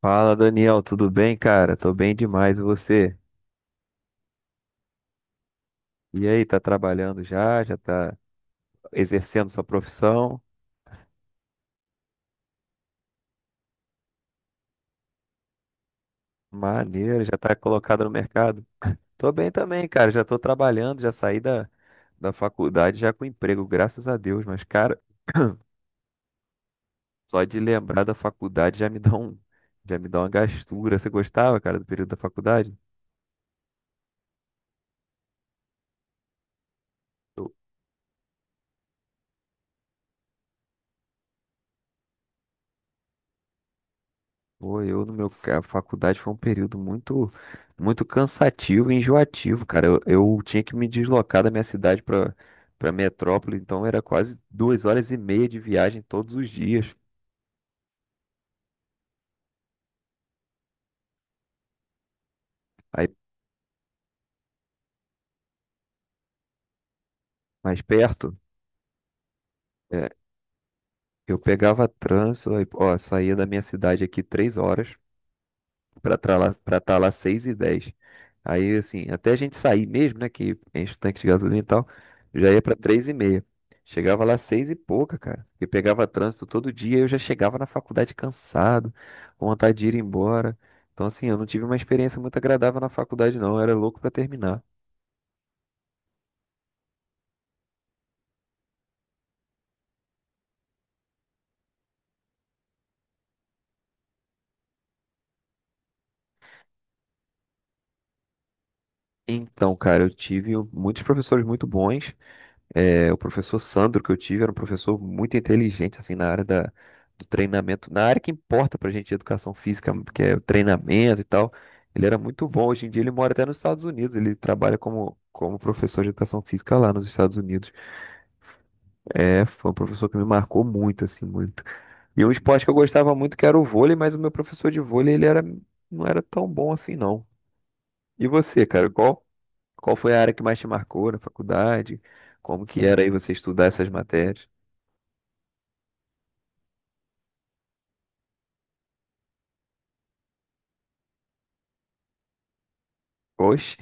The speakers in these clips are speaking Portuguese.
Fala, Daniel, tudo bem, cara? Tô bem demais, e você? E aí, tá trabalhando já? Já tá exercendo sua profissão? Maneiro, já tá colocado no mercado. Tô bem também, cara, já tô trabalhando, já saí da faculdade já com emprego, graças a Deus, mas, cara, só de lembrar da faculdade já me dá já me dá uma gastura. Você gostava, cara, do período da faculdade? Pô, eu no a faculdade foi um período muito cansativo e enjoativo, cara. Eu tinha que me deslocar da minha cidade para metrópole, então era quase 2 horas e meia de viagem todos os dias. Aí mais perto, é, eu pegava trânsito, aí, ó, saía da minha cidade aqui 3 horas, para estar lá 6 e 10. Aí, assim, até a gente sair mesmo, né, que enche o tanque de gasolina e tal, já ia para 3 e meia. Chegava lá 6 e pouca, cara. E pegava trânsito todo dia, eu já chegava na faculdade cansado, com vontade de ir embora. Então, assim, eu não tive uma experiência muito agradável na faculdade, não. Eu era louco para terminar. Então, cara, eu tive muitos professores muito bons. É, o professor Sandro que eu tive era um professor muito inteligente, assim, na área do treinamento, na área que importa pra gente, educação física, que é o treinamento e tal. Ele era muito bom. Hoje em dia ele mora até nos Estados Unidos, ele trabalha como professor de educação física lá nos Estados Unidos. É, foi um professor que me marcou muito, assim, muito. E um esporte que eu gostava muito que era o vôlei, mas o meu professor de vôlei, não era tão bom assim, não. E você, cara, qual foi a área que mais te marcou na faculdade? Como que era aí você estudar essas matérias? Oxe,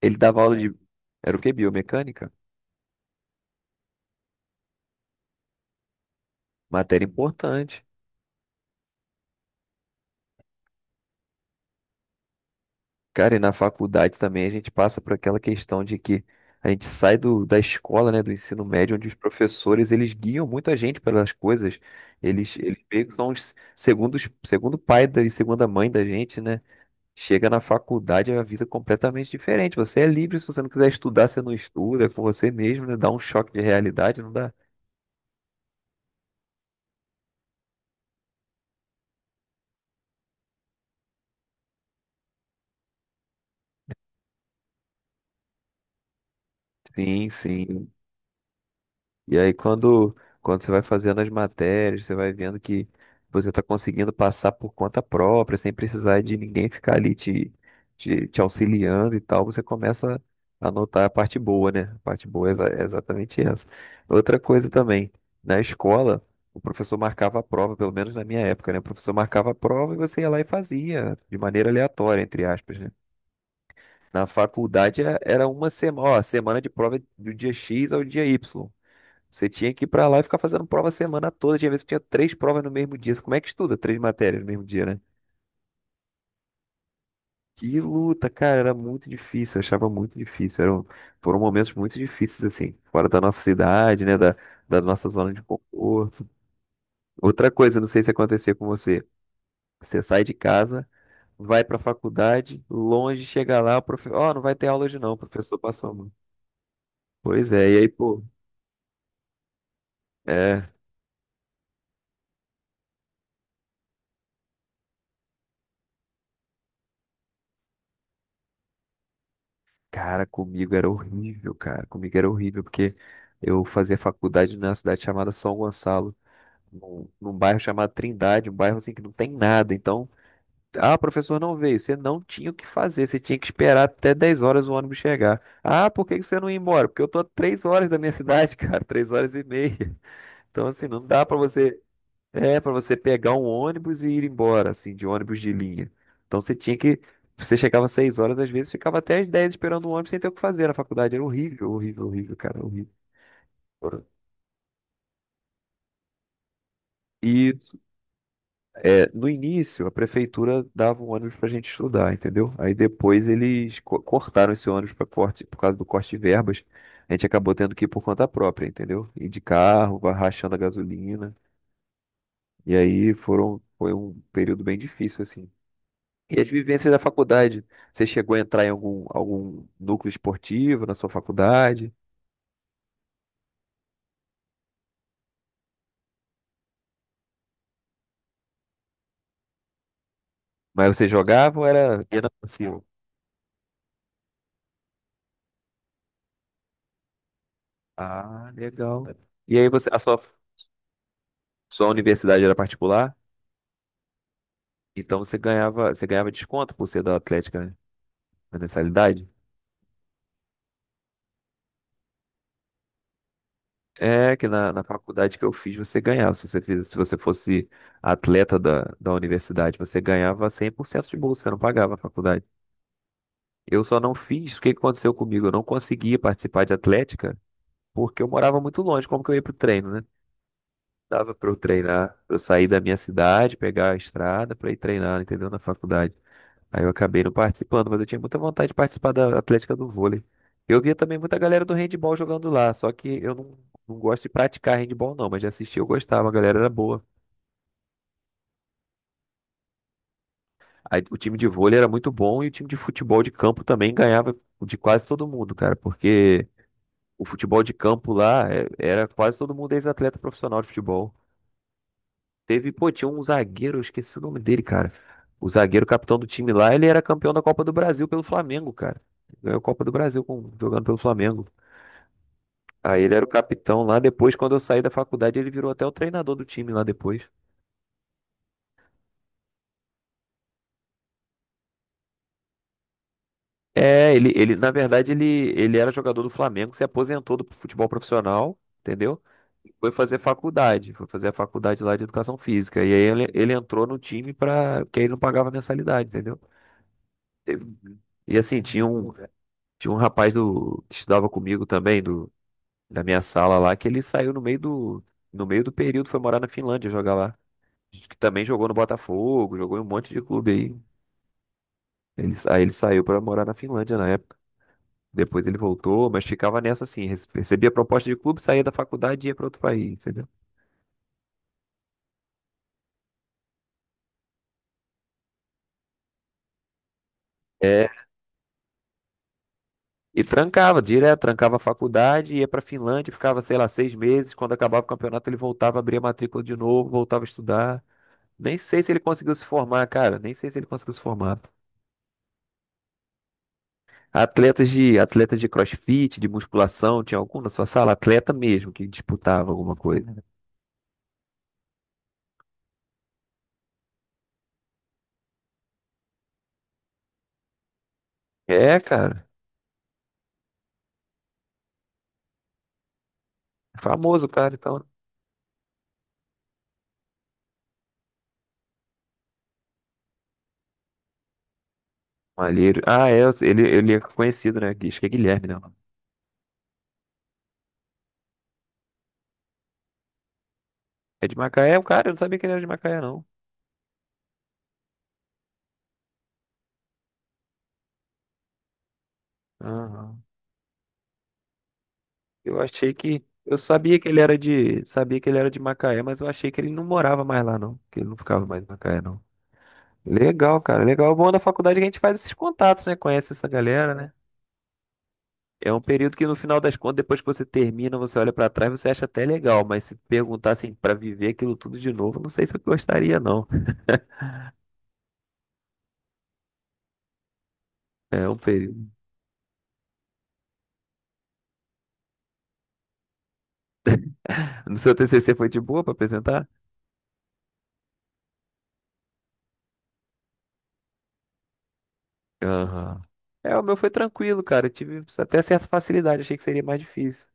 ele dava aula de. Era o quê? Biomecânica? Matéria importante. Cara, e na faculdade também a gente passa por aquela questão de que a gente sai da escola, né, do ensino médio, onde os professores eles guiam muita gente pelas coisas. Eles meio que são os segundos, segundo pai e segunda mãe da gente, né? Chega na faculdade, é uma vida é completamente diferente. Você é livre, se você não quiser estudar, você não estuda, é com você mesmo, né? Dá um choque de realidade, não dá? Sim, sim. E aí, quando você vai fazendo as matérias, você vai vendo que você está conseguindo passar por conta própria, sem precisar de ninguém ficar ali te auxiliando e tal, você começa a notar a parte boa, né? A parte boa é é exatamente essa. Outra coisa também, na escola, o professor marcava a prova, pelo menos na minha época, né? O professor marcava a prova e você ia lá e fazia, de maneira aleatória, entre aspas, né? Na faculdade era uma semana, ó, semana de prova do dia X ao dia Y. Você tinha que ir pra lá e ficar fazendo prova a semana toda. Tinha vezes que tinha 3 provas no mesmo dia. Como é que estuda 3 matérias no mesmo dia, né? Que luta, cara, era muito difícil, eu achava muito difícil. Foram momentos muito difíceis, assim, fora da nossa cidade, né? Da nossa zona de conforto. Outra coisa, não sei se acontecer com você. Você sai de casa, vai pra faculdade, longe, chega lá, o profe... ó, não vai ter aula hoje não, o professor passou a mão. Pois é, e aí, pô, é, cara, comigo era horrível, cara. Comigo era horrível, porque eu fazia faculdade numa cidade chamada São Gonçalo, num bairro chamado Trindade, um bairro assim que não tem nada. Então, ah, professor não veio. Você não tinha o que fazer, você tinha que esperar até 10 horas o ônibus chegar. Ah, por que que você não ia embora? Porque eu tô a 3 horas da minha cidade, cara, 3 horas e meia. Então, assim, não dá pra você. É, para você pegar um ônibus e ir embora, assim, de ônibus de linha. Então você tinha que. Você chegava às 6 horas, às vezes ficava até às 10 esperando o ônibus sem ter o que fazer na faculdade. Era horrível, horrível, horrível, cara, horrível. E é, no início, a prefeitura dava um ônibus pra gente estudar, entendeu? Aí depois eles cortaram esse ônibus para corte, por causa do corte de verbas. A gente acabou tendo que ir por conta própria, entendeu? Ir de carro, vai rachando a gasolina. E aí foi um período bem difícil, assim. E as vivências da faculdade? Você chegou a entrar em algum núcleo esportivo na sua faculdade? Mas você jogava ou era apenas passivo? Ah, legal. E aí você, sua universidade era particular? Então você ganhava desconto por ser da Atlética, né? Na mensalidade? É que na faculdade que eu fiz você ganhava. Se você fiz, se você fosse atleta da universidade, você ganhava 100% de bolsa, você não pagava a faculdade. Eu só não fiz, o que que aconteceu comigo? Eu não conseguia participar de atlética porque eu morava muito longe, como que eu ia pro treino, né? Dava pra eu treinar, pra eu sair da minha cidade, pegar a estrada pra ir treinar, entendeu? Na faculdade. Aí eu acabei não participando, mas eu tinha muita vontade de participar da Atlética do vôlei. Eu via também muita galera do handball jogando lá, só que eu não, não gosto de praticar handball não, mas de assistir eu gostava, a galera era boa. Aí o time de vôlei era muito bom e o time de futebol de campo também ganhava de quase todo mundo, cara, porque o futebol de campo lá era quase todo mundo ex-atleta profissional de futebol. Teve, pô, tinha um zagueiro, eu esqueci o nome dele, cara. O zagueiro capitão do time lá, ele era campeão da Copa do Brasil pelo Flamengo, cara. Ganhou a Copa do Brasil jogando pelo Flamengo. Aí ele era o capitão lá. Depois, quando eu saí da faculdade, ele virou até o treinador do time lá depois. É, ele, na verdade, ele era jogador do Flamengo, se aposentou do futebol profissional, entendeu? E foi fazer faculdade, foi fazer a faculdade lá de educação física. E aí ele entrou no time pra, que aí não pagava mensalidade, entendeu? Teve- E assim, tinha um. Tinha um rapaz que estudava comigo também, do, da minha sala lá, que ele saiu no meio no meio do período, foi morar na Finlândia jogar lá. Que também jogou no Botafogo, jogou em um monte de clube aí. Aí ele saiu pra morar na Finlândia na época. Depois ele voltou, mas ficava nessa assim, recebia proposta de clube, saía da faculdade e ia pra outro país, entendeu? É, e trancava, direto, trancava a faculdade, ia pra Finlândia, ficava, sei lá, 6 meses. Quando acabava o campeonato, ele voltava, abria a matrícula de novo, voltava a estudar. Nem sei se ele conseguiu se formar, cara. Nem sei se ele conseguiu se formar. Atletas atletas de CrossFit, de musculação, tinha algum na sua sala? Atleta mesmo que disputava alguma coisa. É, cara. Famoso, cara, então. Malheiro. Ah, é, ele é conhecido, né? Acho que é Guilherme, né? É de Macaé, o cara, eu não sabia que ele era de Macaé, não. Aham. Eu achei que. Eu sabia que ele era de. Sabia que ele era de Macaé, mas eu achei que ele não morava mais lá, não. Que ele não ficava mais em Macaé, não. Legal, cara. Legal. O bom da faculdade é que a gente faz esses contatos, né? Conhece essa galera, né? É um período que, no final das contas, depois que você termina, você olha pra trás, você acha até legal, mas se perguntar assim, pra viver aquilo tudo de novo, não sei se eu gostaria, não. É um período. No seu TCC foi de boa pra apresentar? Aham. É, o meu foi tranquilo, cara. Eu tive até certa facilidade, achei que seria mais difícil.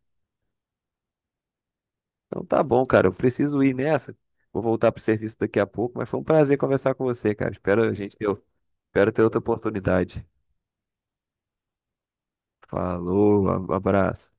Então tá bom, cara. Eu preciso ir nessa. Vou voltar pro serviço daqui a pouco, mas foi um prazer conversar com você, cara. Espero ter outra oportunidade. Falou, abraço.